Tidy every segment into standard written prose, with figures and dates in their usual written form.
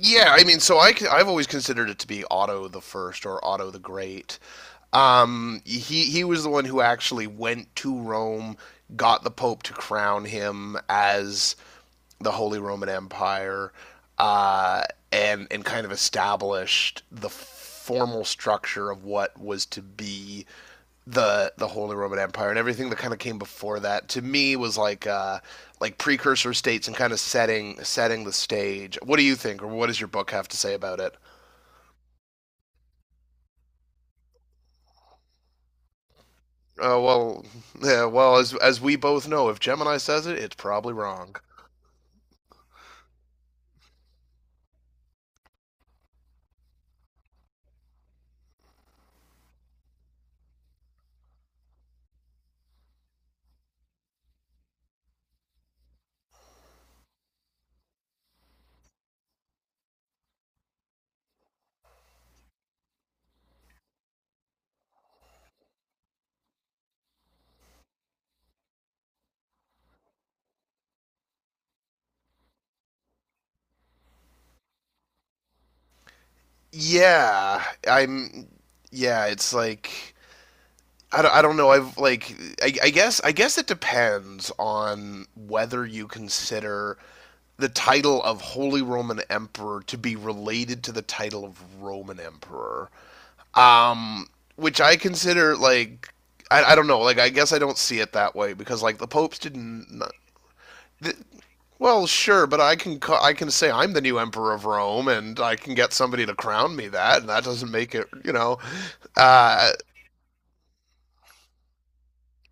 Yeah, I mean, so I have always considered it to be Otto the First or Otto the Great. He was the one who actually went to Rome, got the Pope to crown him as the Holy Roman Empire, uh, and kind of established the formal structure of what was to be the Holy Roman Empire, and everything that kind of came before that to me was like precursor states and kind of setting the stage. What do you think, or what does your book have to say about it? Uh, well, yeah, well, as we both know, if Gemini says it, it's probably wrong. Yeah, I'm. Yeah, it's like I don't know. I guess it depends on whether you consider the title of Holy Roman Emperor to be related to the title of Roman Emperor, um, which I consider like I don't know. Like I guess I don't see it that way because like the popes didn't. th- well, sure, but I can say I'm the new emperor of Rome, and I can get somebody to crown me that, and that doesn't make it, Uh,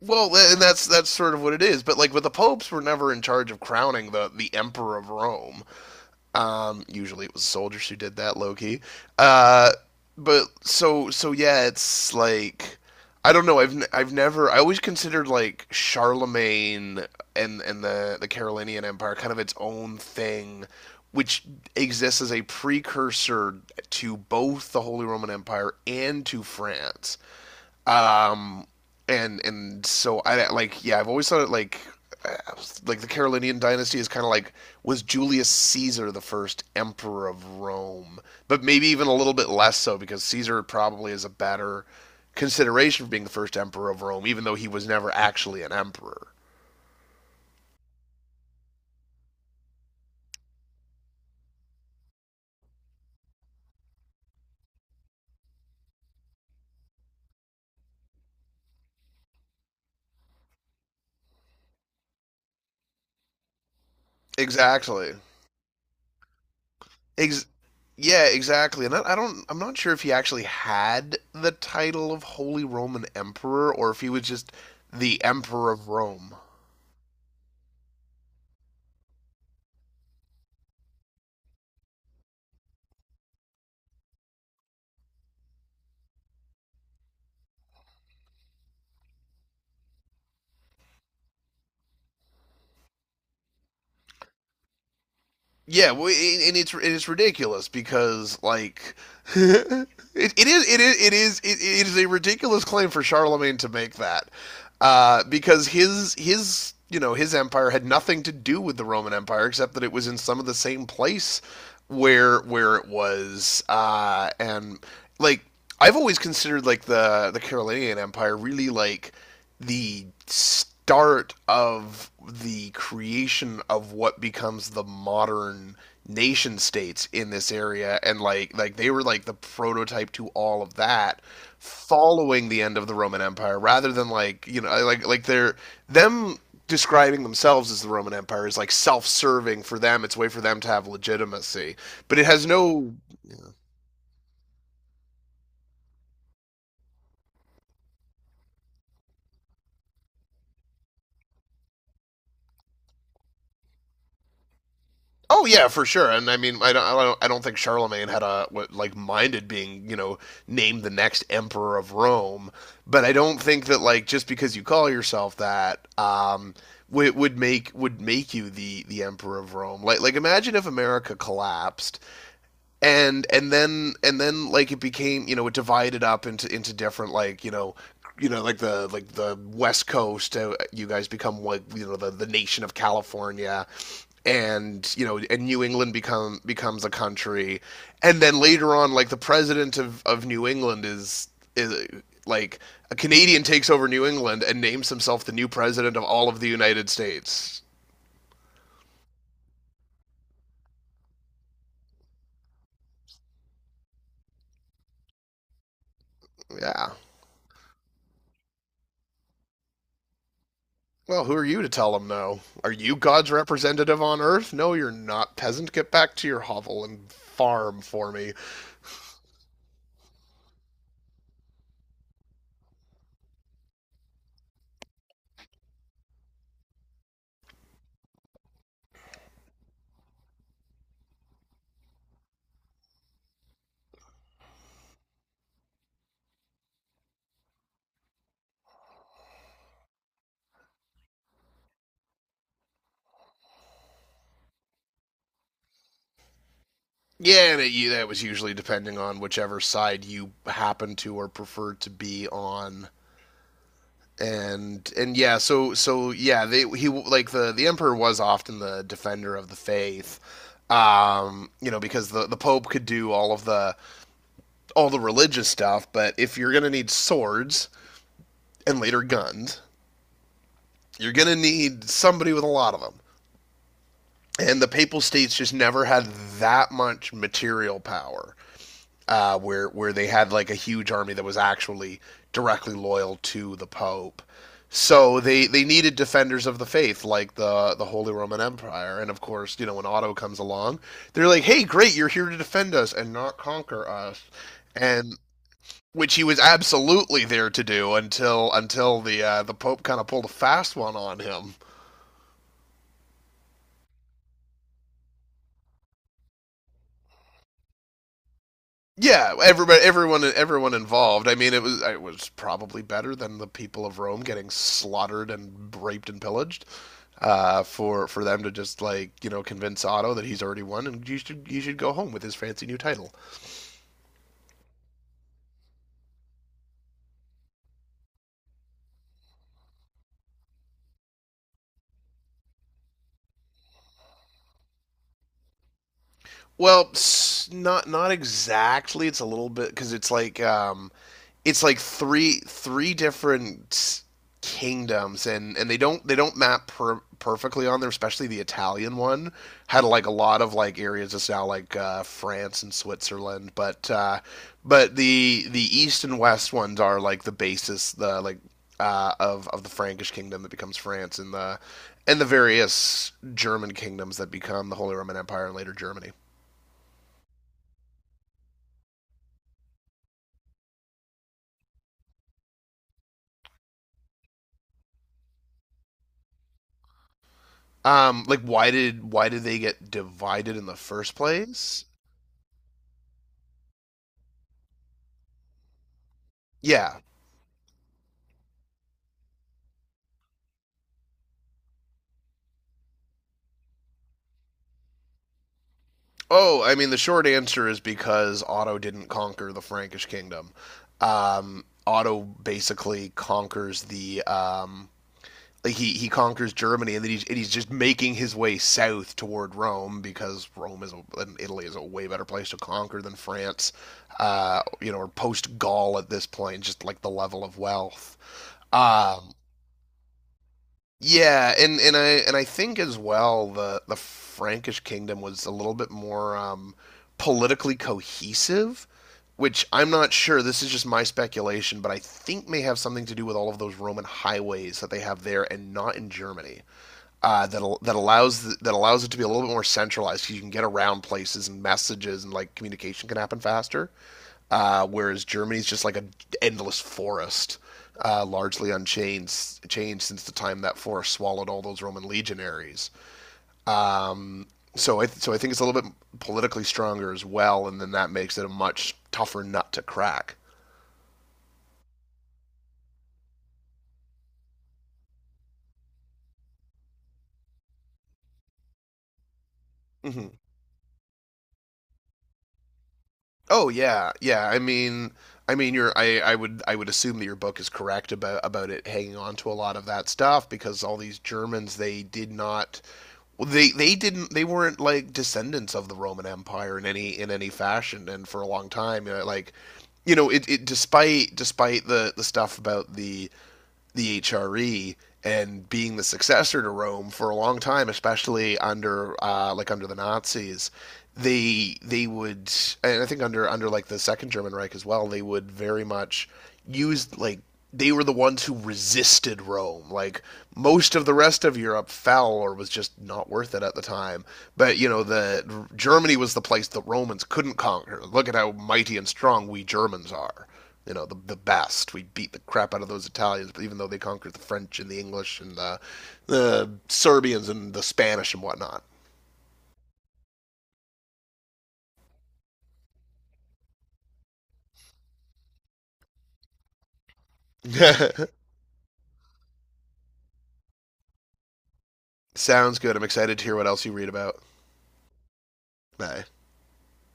Well, and that's sort of what it is. But like, but the popes were never in charge of crowning the emperor of Rome. Usually, it was soldiers who did that, low key. Uh, but so yeah, it's like I don't know. I've I I've never. I always considered like Charlemagne and the Carolinian Empire kind of its own thing, which exists as a precursor to both the Holy Roman Empire and to France. Um, and so I like yeah, I've always thought it uh, like the Carolinian dynasty is kind of like was Julius Caesar the first emperor of Rome, but maybe even a little bit less so because Caesar probably is a better consideration for being the first emperor of Rome, even though he was never actually an emperor. Exactly. Ex- yeah, exactly. And I'm not sure if he actually had the title of Holy Roman Emperor or if he was just the Emperor of Rome. Yeah, well, and it's ridiculous because like it, it is a ridiculous claim for Charlemagne to make that because his you know his empire had nothing to do with the Roman Empire except that it was in some of the same place where it was and like I've always considered like the Carolinian Empire really like the start of the creation of what becomes the modern nation states in this area, and like they were like the prototype to all of that following the end of the Roman Empire, rather than like you know like they're them describing themselves as the Roman Empire is like self-serving for them. It's a way for them to have legitimacy, but it has no. Oh yeah, for sure. And I mean, I don't think Charlemagne had a what, like minded being, you know, named the next emperor of Rome. But I don't think that like just because you call yourself that, would make you the emperor of Rome. Like imagine if America collapsed and then like it became, you know, it divided up into different, like you know, you know like the west coast, you guys become like you know the nation of California, and you know, and New England becomes a country, and then later on like the president of New England is is like a Canadian takes over New England and names himself the new president of all of the United States. Yeah. Well, who are you to tell him? No? Are you God's representative on Earth? No, you're not, peasant. Get back to your hovel and farm for me. Yeah, and it, that was usually depending on whichever side you happen to or preferred to be on. And so yeah, they he like the emperor was often the defender of the faith, you know, because the Pope could do all of the all the religious stuff, but if you're gonna need swords and later guns, you're gonna need somebody with a lot of them. And the Papal States just never had that much material power, where they had like a huge army that was actually directly loyal to the Pope. So they needed defenders of the faith like the Holy Roman Empire, and of course, you know, when Otto comes along, they're like, "Hey, great, you're here to defend us and not conquer us," and which he was absolutely there to do until the Pope kind of pulled a fast one on him. Yeah, everyone involved. I mean, it was probably better than the people of Rome getting slaughtered and raped and pillaged. For them to just like you know convince Otto that he's already won and you should go home with his fancy new title. Well, not exactly. It's a little bit because it's like three different kingdoms, and they don't map perfectly on there, especially the Italian one had like a lot of like areas just now like France and Switzerland, but the east and west ones are like the basis, the like of the Frankish kingdom that becomes France, and the various German kingdoms that become the Holy Roman Empire and later Germany. Um, like why did they get divided in the first place. Yeah. Oh, I mean, the short answer is because Otto didn't conquer the Frankish kingdom. Otto basically conquers the. Like he conquers Germany, and then he's just making his way south toward Rome because Rome is and Italy is a way better place to conquer than France, you know, or post Gaul at this point, just like the level of wealth. Um, yeah, and I think as well the Frankish kingdom was a little bit more politically cohesive, which I'm not sure. This is just my speculation, but I think may have something to do with all of those Roman highways that they have there and not in Germany. That al- that allows th- that allows it to be a little bit more centralized because you can get around places and messages, and like communication can happen faster, whereas Germany's just like an endless forest, largely unchanged changed since the time that forest swallowed all those Roman legionaries. Um, so I think it's a little bit politically stronger as well, and then that makes it a much tougher nut to crack. Mm-hmm. Oh yeah, yeah. I mean, you I would assume that your book is correct about it hanging on to a lot of that stuff because all these Germans they did not. Well, they weren't like descendants of the Roman Empire in any fashion, and for a long time, you know, like you know, it despite the stuff about the HRE and being the successor to Rome for a long time, especially under like under the Nazis, they they would, and I think under like the Second German Reich as well, they would very much use like they were the ones who resisted Rome. Like most of the rest of Europe fell or was just not worth it at the time. But you know, the Germany was the place the Romans couldn't conquer. Look at how mighty and strong we Germans are, you know, the best. We beat the crap out of those Italians, but even though they conquered the French and the English and the Serbians and the Spanish and whatnot. Sounds good. I'm excited to hear what else you read about. Bye.